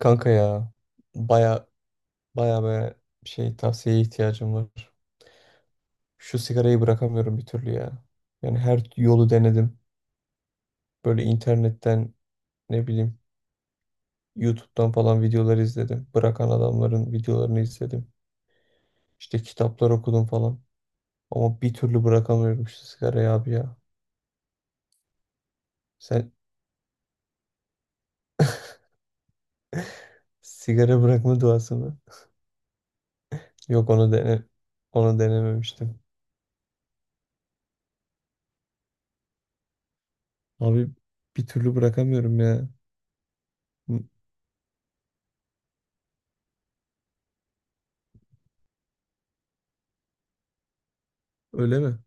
Kanka ya, baya baya baya şey tavsiyeye ihtiyacım var. Şu sigarayı bırakamıyorum bir türlü ya. Yani her yolu denedim. Böyle internetten ne bileyim YouTube'dan falan videolar izledim. Bırakan adamların videolarını izledim. İşte kitaplar okudum falan. Ama bir türlü bırakamıyorum şu sigarayı abi ya. Sen sigara bırakma duası mı? Yok, onu denememiştim. Abi, bir türlü bırakamıyorum ya. Öyle mi?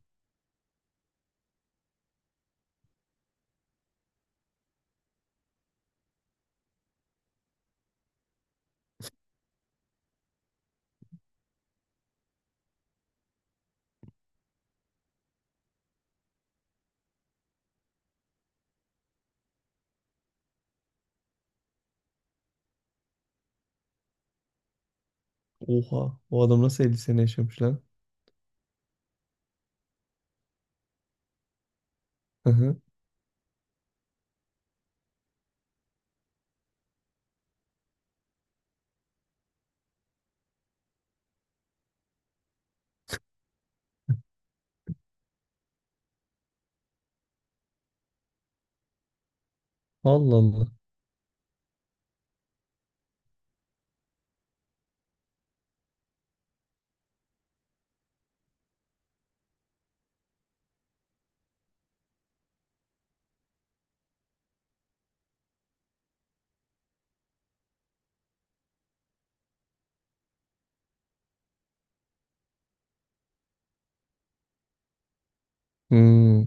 Oha, o adam nasıl 50 sene yaşamış lan? Hı hı. Allah Allah. Hmm.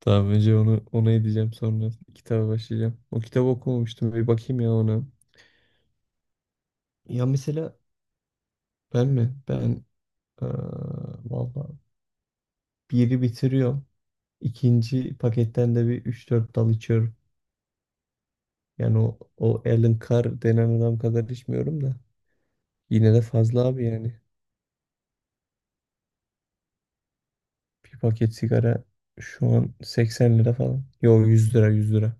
Tamam Ece, onu ona edeceğim, sonra kitaba başlayacağım. O kitabı okumamıştım, bir bakayım ya ona. Ya mesela ben mi? Ben eee valla biri bitiriyorum. İkinci paketten de bir üç dört dal içiyorum. Yani o Alan Carr denen adam kadar içmiyorum da. Yine de fazla abi yani. Bir paket sigara şu an 80 lira falan. Yo, 100 lira, 100 lira.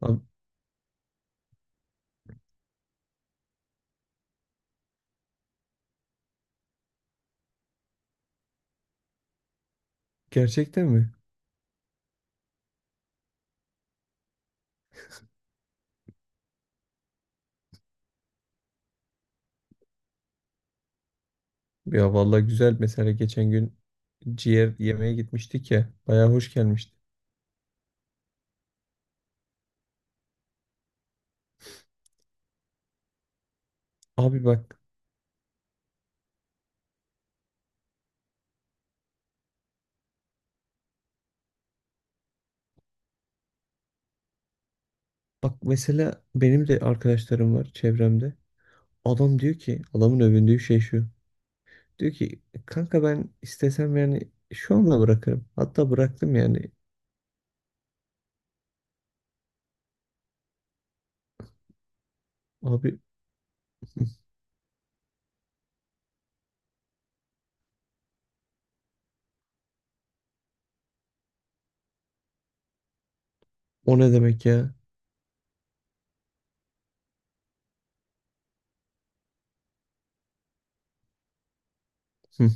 Abi, gerçekten mi? Ya vallahi güzel, mesela geçen gün ciğer yemeye gitmiştik ya. Bayağı hoş gelmişti. Abi bak, mesela benim de arkadaşlarım var çevremde. Adam diyor ki, adamın övündüğü şey şu. Diyor ki kanka, ben istesem yani şu anda bırakırım. Hatta bıraktım yani. Abi o ne demek ya? Hı.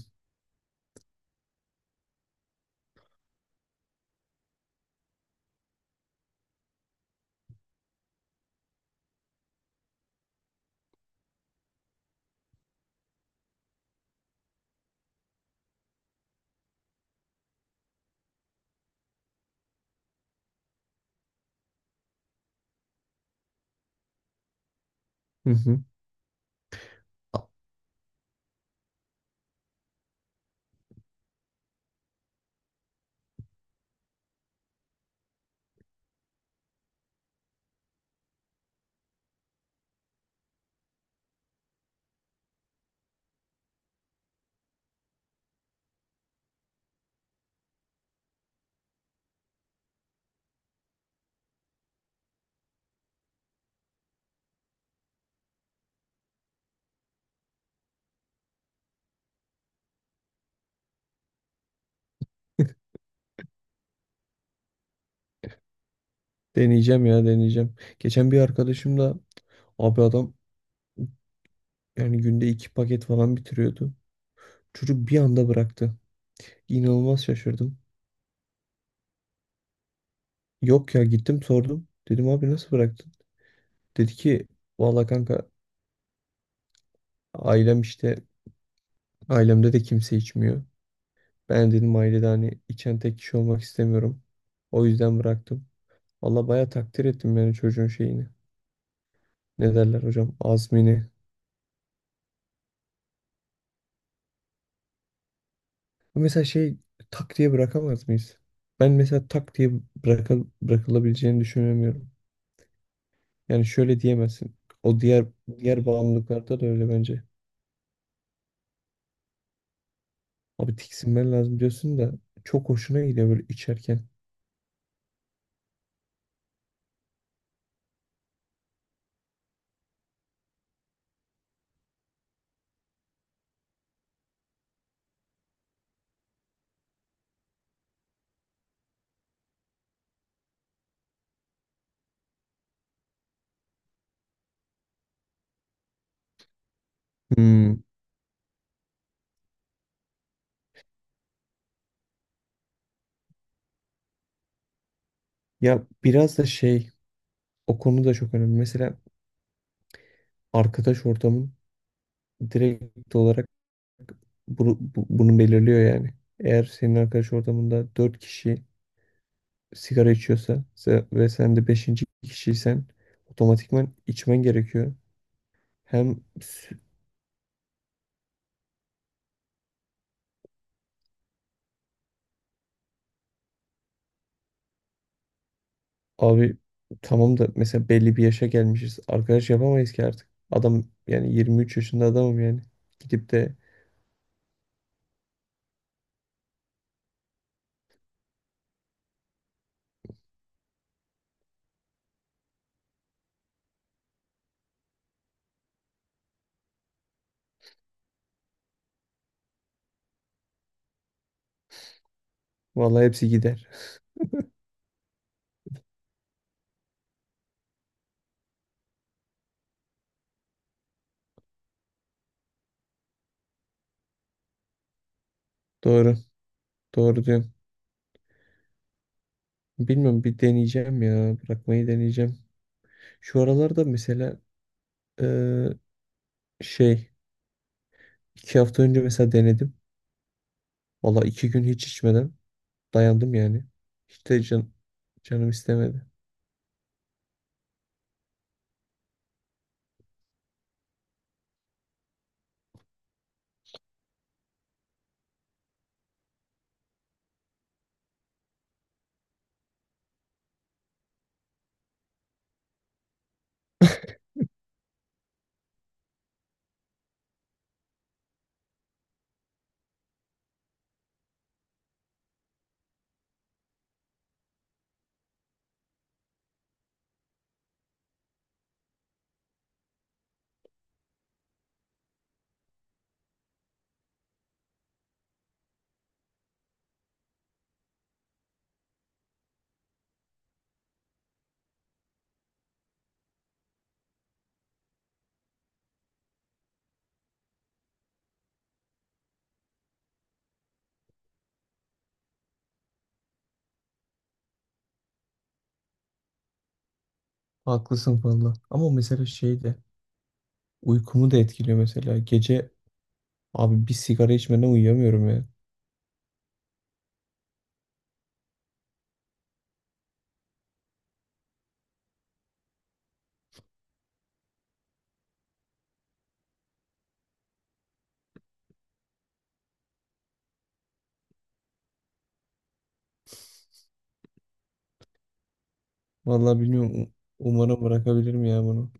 Hı hı. Deneyeceğim ya, deneyeceğim. Geçen bir arkadaşımla, abi adam yani günde 2 paket falan bitiriyordu. Çocuk bir anda bıraktı. İnanılmaz şaşırdım. Yok ya, gittim sordum. Dedim abi, nasıl bıraktın? Dedi ki valla kanka, ailem işte, ailemde de kimse içmiyor. Ben dedim ailede hani içen tek kişi olmak istemiyorum. O yüzden bıraktım. Valla baya takdir ettim yani çocuğun şeyini. Ne derler hocam? Azmini. Bu mesela şey, tak diye bırakamaz mıyız? Ben mesela tak diye bırakılabileceğini düşünemiyorum. Yani şöyle diyemezsin. O diğer bağımlılıklarda da öyle bence. Abi tiksinmen lazım diyorsun da çok hoşuna gidiyor böyle içerken. Hmm. Ya biraz da şey, o konu da çok önemli. Mesela arkadaş ortamın direkt olarak bunu belirliyor yani. Eğer senin arkadaş ortamında 4 kişi sigara içiyorsa ve sen de beşinci kişiysen, otomatikman içmen gerekiyor. Hem s- abi tamam da mesela belli bir yaşa gelmişiz. Arkadaş yapamayız ki artık. Adam yani 23 yaşında adamım yani. Gidip de vallahi hepsi gider. Doğru. Doğru diyorum. Bilmiyorum, bir deneyeceğim ya. Bırakmayı deneyeceğim. Şu aralarda mesela eee, şey, 2 hafta önce mesela denedim. Valla 2 gün hiç içmeden dayandım yani. Hiç de can, canım istemedi. Haklısın valla. Ama mesela şey de, uykumu da etkiliyor mesela. Gece abi bir sigara içmeden uyuyamıyorum ya. Valla bilmiyorum. Umarım bırakabilirim ya bunu.